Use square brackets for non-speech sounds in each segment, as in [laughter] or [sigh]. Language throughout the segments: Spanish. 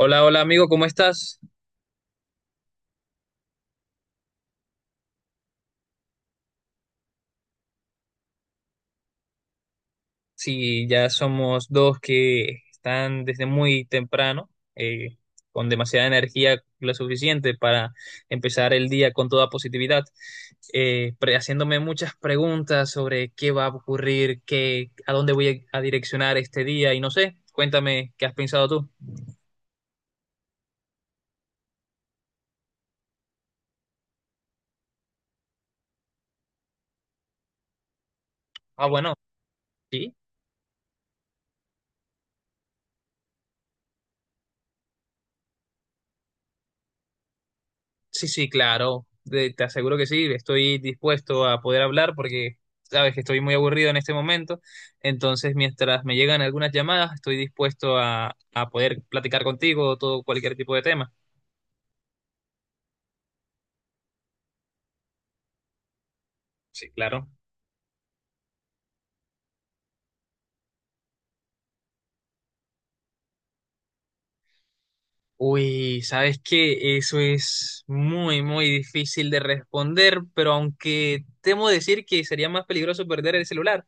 Hola, hola amigo, ¿cómo estás? Sí, ya somos dos que están desde muy temprano, eh, con demasiada energía, lo suficiente para empezar el día con toda positividad, haciéndome muchas preguntas sobre qué va a ocurrir, a dónde voy a direccionar este día y no sé, cuéntame qué has pensado tú. Ah, bueno, sí. Sí, sí, claro. Te aseguro que sí. Estoy dispuesto a poder hablar porque sabes que estoy muy aburrido en este momento. Entonces, mientras me llegan algunas llamadas, estoy dispuesto a poder platicar contigo todo cualquier tipo de tema. Sí, claro. Uy, sabes que eso es muy, muy difícil de responder, pero aunque temo decir que sería más peligroso perder el celular.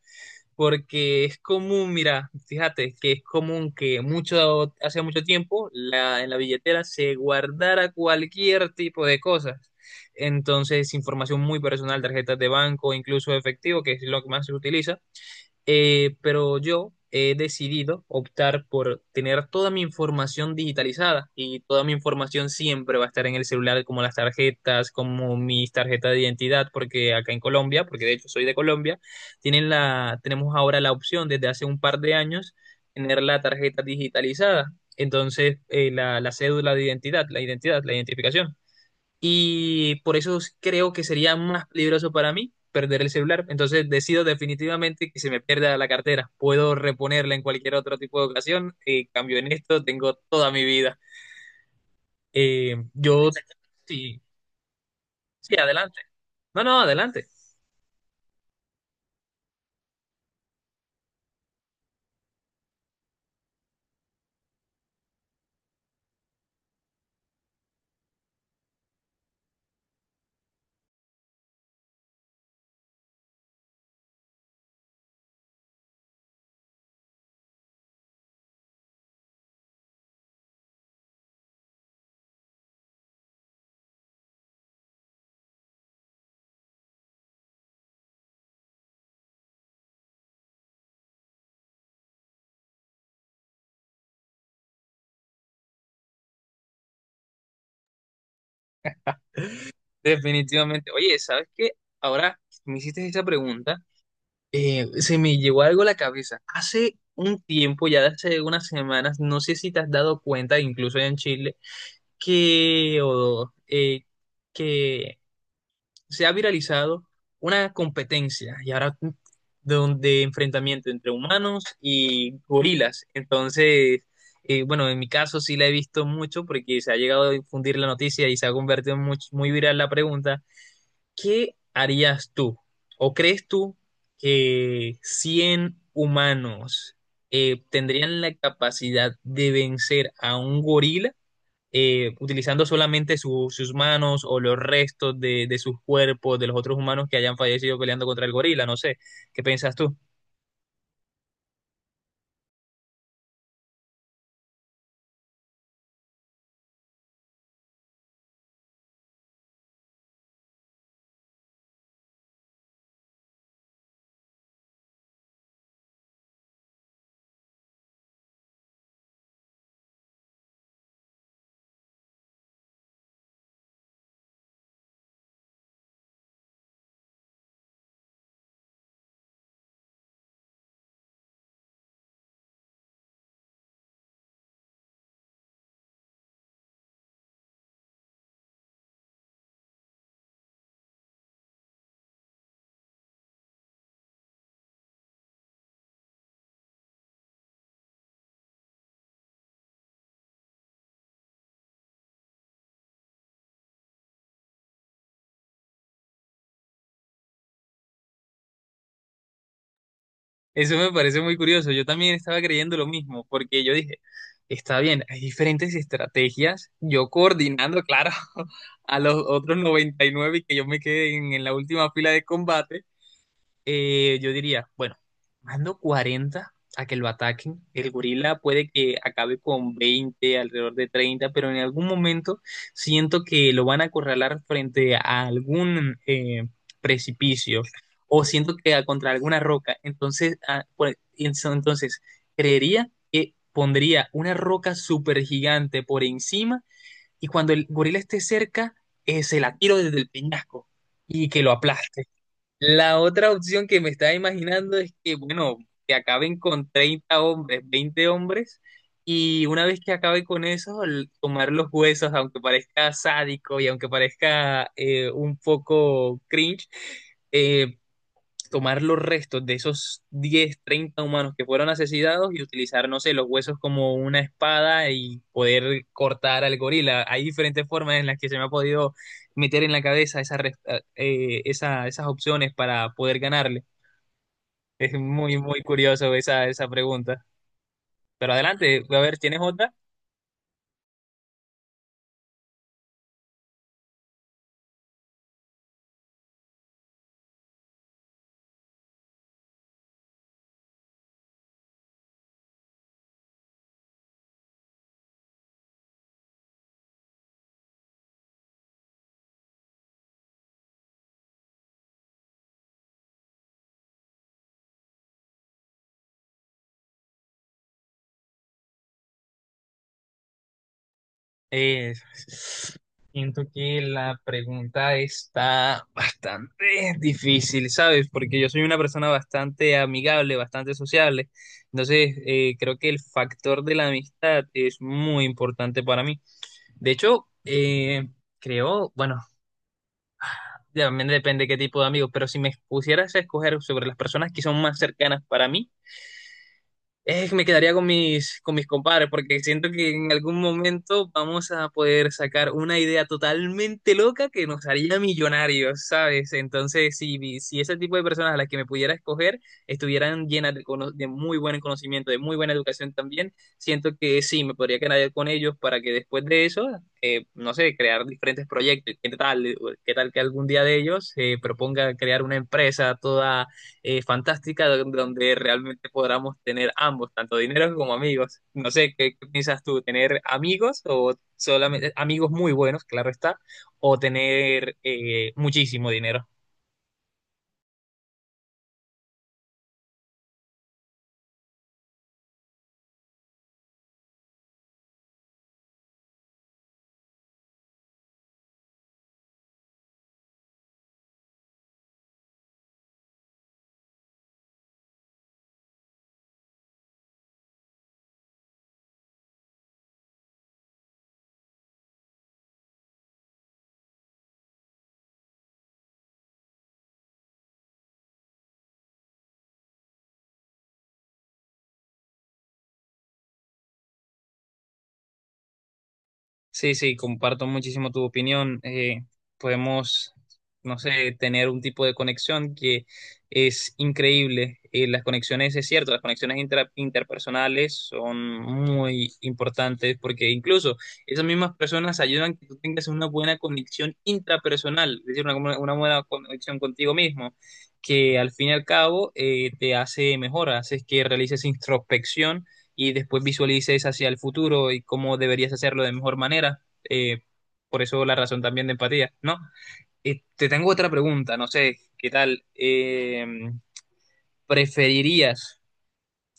Porque es común, mira, fíjate que es común que mucho, hace mucho tiempo en la billetera se guardara cualquier tipo de cosas. Entonces, información muy personal, tarjetas de banco, incluso efectivo, que es lo que más se utiliza, pero yo he decidido optar por tener toda mi información digitalizada y toda mi información siempre va a estar en el celular, como las tarjetas, como mis tarjetas de identidad, porque acá en Colombia, porque de hecho soy de Colombia, tenemos ahora la opción desde hace un par de años tener la tarjeta digitalizada. Entonces, la cédula de identidad, la identificación y por eso creo que sería más peligroso para mí perder el celular. Entonces decido definitivamente que se me pierda la cartera. Puedo reponerla en cualquier otro tipo de ocasión. Cambio en esto, tengo toda mi vida. Eh, yo, sí, sí, adelante. No, no, adelante. Definitivamente. Oye, ¿sabes qué? Ahora me hiciste esa pregunta. Se me llegó algo a la cabeza. Hace un tiempo, ya de hace unas semanas, no sé si te has dado cuenta, incluso en Chile, que, o, eh, que se ha viralizado una competencia y ahora donde enfrentamiento entre humanos y gorilas. Entonces, bueno, en mi caso sí la he visto mucho porque se ha llegado a difundir la noticia y se ha convertido en muy, muy viral la pregunta, ¿qué harías tú? ¿O crees tú que 100 humanos tendrían la capacidad de vencer a un gorila? Utilizando solamente sus manos o los restos de sus cuerpos, de los otros humanos que hayan fallecido peleando contra el gorila, no sé, ¿qué piensas tú? Eso me parece muy curioso, yo también estaba creyendo lo mismo, porque yo dije, está bien, hay diferentes estrategias, yo coordinando, claro, [laughs] a los otros 99 y que yo me quede en la última fila de combate. Yo diría, bueno, mando 40 a que lo ataquen. El gorila puede que acabe con 20 alrededor de 30, pero en algún momento siento que lo van a acorralar frente a algún precipicio o siento que contra alguna roca. Entonces, entonces, creería que pondría una roca súper gigante por encima y cuando el gorila esté cerca, se la tiro desde el peñasco y que lo aplaste. La otra opción que me estaba imaginando es que, bueno, que acaben con 30 hombres, 20 hombres, y una vez que acabe con eso, tomar los huesos, aunque parezca sádico y aunque parezca un poco cringe, eh, tomar los restos de esos 10 30 humanos que fueron asesinados y utilizar, no sé, los huesos como una espada y poder cortar al gorila. Hay diferentes formas en las que se me ha podido meter en la cabeza esas opciones para poder ganarle. Es muy, muy curioso esa pregunta. Pero adelante, a ver, ¿tienes otra? Eh, Siento que la pregunta está bastante difícil, ¿sabes? Porque yo soy una persona bastante amigable, bastante sociable. Entonces, creo que el factor de la amistad es muy importante para mí. De hecho, creo, bueno, también depende qué tipo de amigos, pero si me pusieras a escoger sobre las personas que son más cercanas para mí, es que me quedaría con mis compadres, porque siento que en algún momento vamos a poder sacar una idea totalmente loca que nos haría millonarios, ¿sabes? Entonces, si ese tipo de personas a las que me pudiera escoger estuvieran llenas de muy buen conocimiento, de muy buena educación también, siento que sí, me podría quedar con ellos para que después de eso, no sé, crear diferentes proyectos. ¿Qué tal que algún día de ellos se proponga crear una empresa toda fantástica donde realmente podamos tener ambos, tanto dinero como amigos. No sé, ¿qué piensas tú? ¿Tener amigos o solamente amigos muy buenos, claro está, o tener muchísimo dinero? Sí, sí, comparto muchísimo tu opinión. Podemos, no sé, tener un tipo de conexión que es increíble. Las conexiones, es cierto, las conexiones interpersonales son muy importantes porque incluso esas mismas personas ayudan que tú tengas una buena conexión intrapersonal, es decir, una buena conexión contigo mismo, que al fin y al cabo, te hace mejor, haces que realices introspección y después visualices hacia el futuro y cómo deberías hacerlo de mejor manera. Eh, por eso la razón también de empatía, ¿no? Te tengo otra pregunta, no sé, ¿qué tal? ¿Preferirías?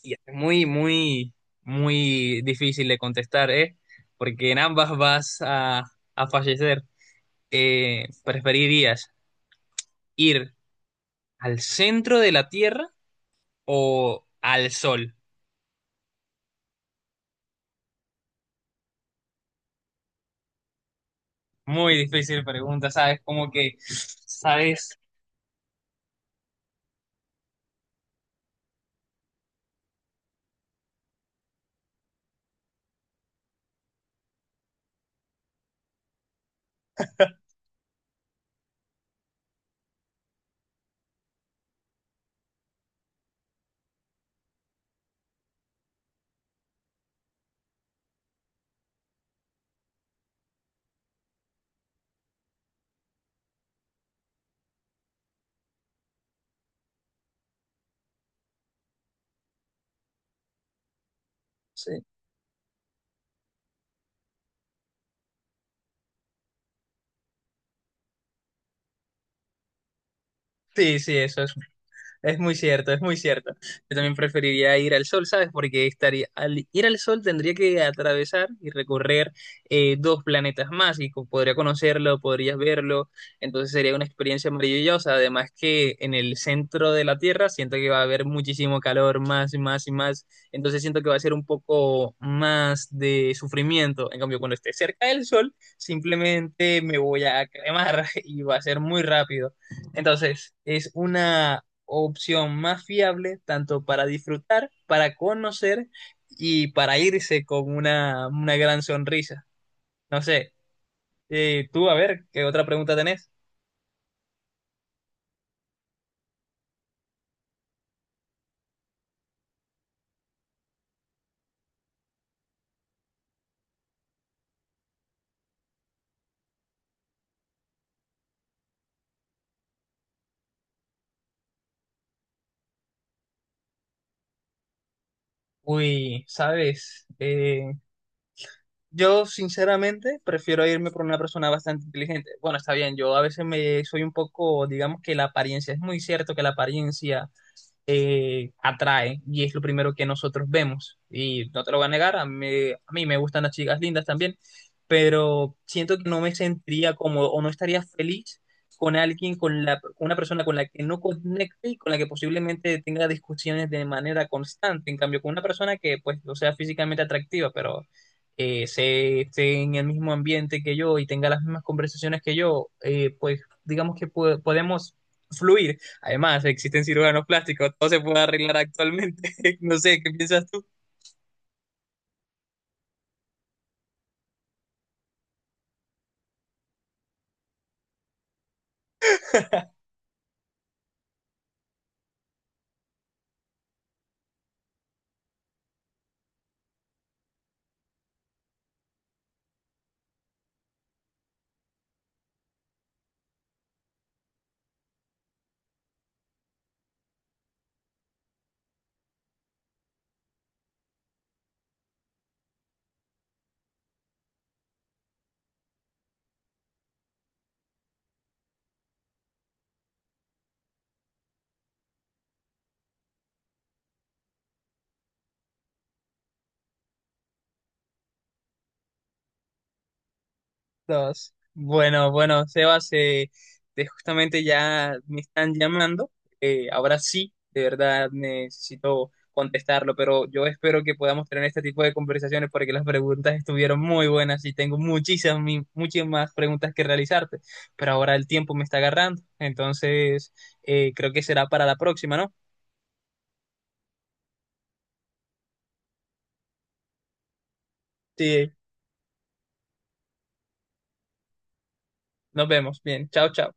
Y es muy, muy, muy difícil de contestar, ¿eh? Porque en ambas vas a fallecer. ¿Preferirías ir al centro de la Tierra o al Sol? Muy difícil pregunta, ¿sabes? Como que, ¿sabes? Sí. Sí, sí, eso es muy cierto, es muy cierto. Yo también preferiría ir al sol, ¿sabes? Porque estaría, al ir al sol tendría que atravesar y recorrer dos planetas más y podría conocerlo, podrías verlo. Entonces sería una experiencia maravillosa. Además que en el centro de la Tierra siento que va a haber muchísimo calor, más y más y más. Entonces siento que va a ser un poco más de sufrimiento. En cambio, cuando esté cerca del sol, simplemente me voy a cremar [laughs] y va a ser muy rápido. Entonces, es una opción más fiable tanto para disfrutar, para conocer y para irse con una gran sonrisa. No sé, tú a ver, ¿qué otra pregunta tenés? Uy, sabes, yo sinceramente prefiero irme por una persona bastante inteligente. Bueno, está bien, yo a veces me soy un poco, digamos que la apariencia, es muy cierto que la apariencia atrae y es lo primero que nosotros vemos. Y no te lo voy a negar, a mí me gustan las chicas lindas también, pero siento que no me sentiría cómodo o no estaría feliz con alguien, con una persona con la que no conecte y con la que posiblemente tenga discusiones de manera constante. En cambio, con una persona que pues no sea físicamente atractiva, pero se esté en el mismo ambiente que yo y tenga las mismas conversaciones que yo, pues digamos que podemos fluir. Además, existen cirujanos plásticos, todo se puede arreglar actualmente. [laughs] No sé, ¿qué piensas tú? Dos. Bueno, bueno, Sebas, justamente ya me están llamando. Ahora sí, de verdad necesito contestarlo, pero yo espero que podamos tener este tipo de conversaciones porque las preguntas estuvieron muy buenas y tengo muchísimas, muchas más preguntas que realizarte, pero ahora el tiempo me está agarrando, entonces creo que será para la próxima, ¿no? Sí, nos vemos. Bien, chao, chao.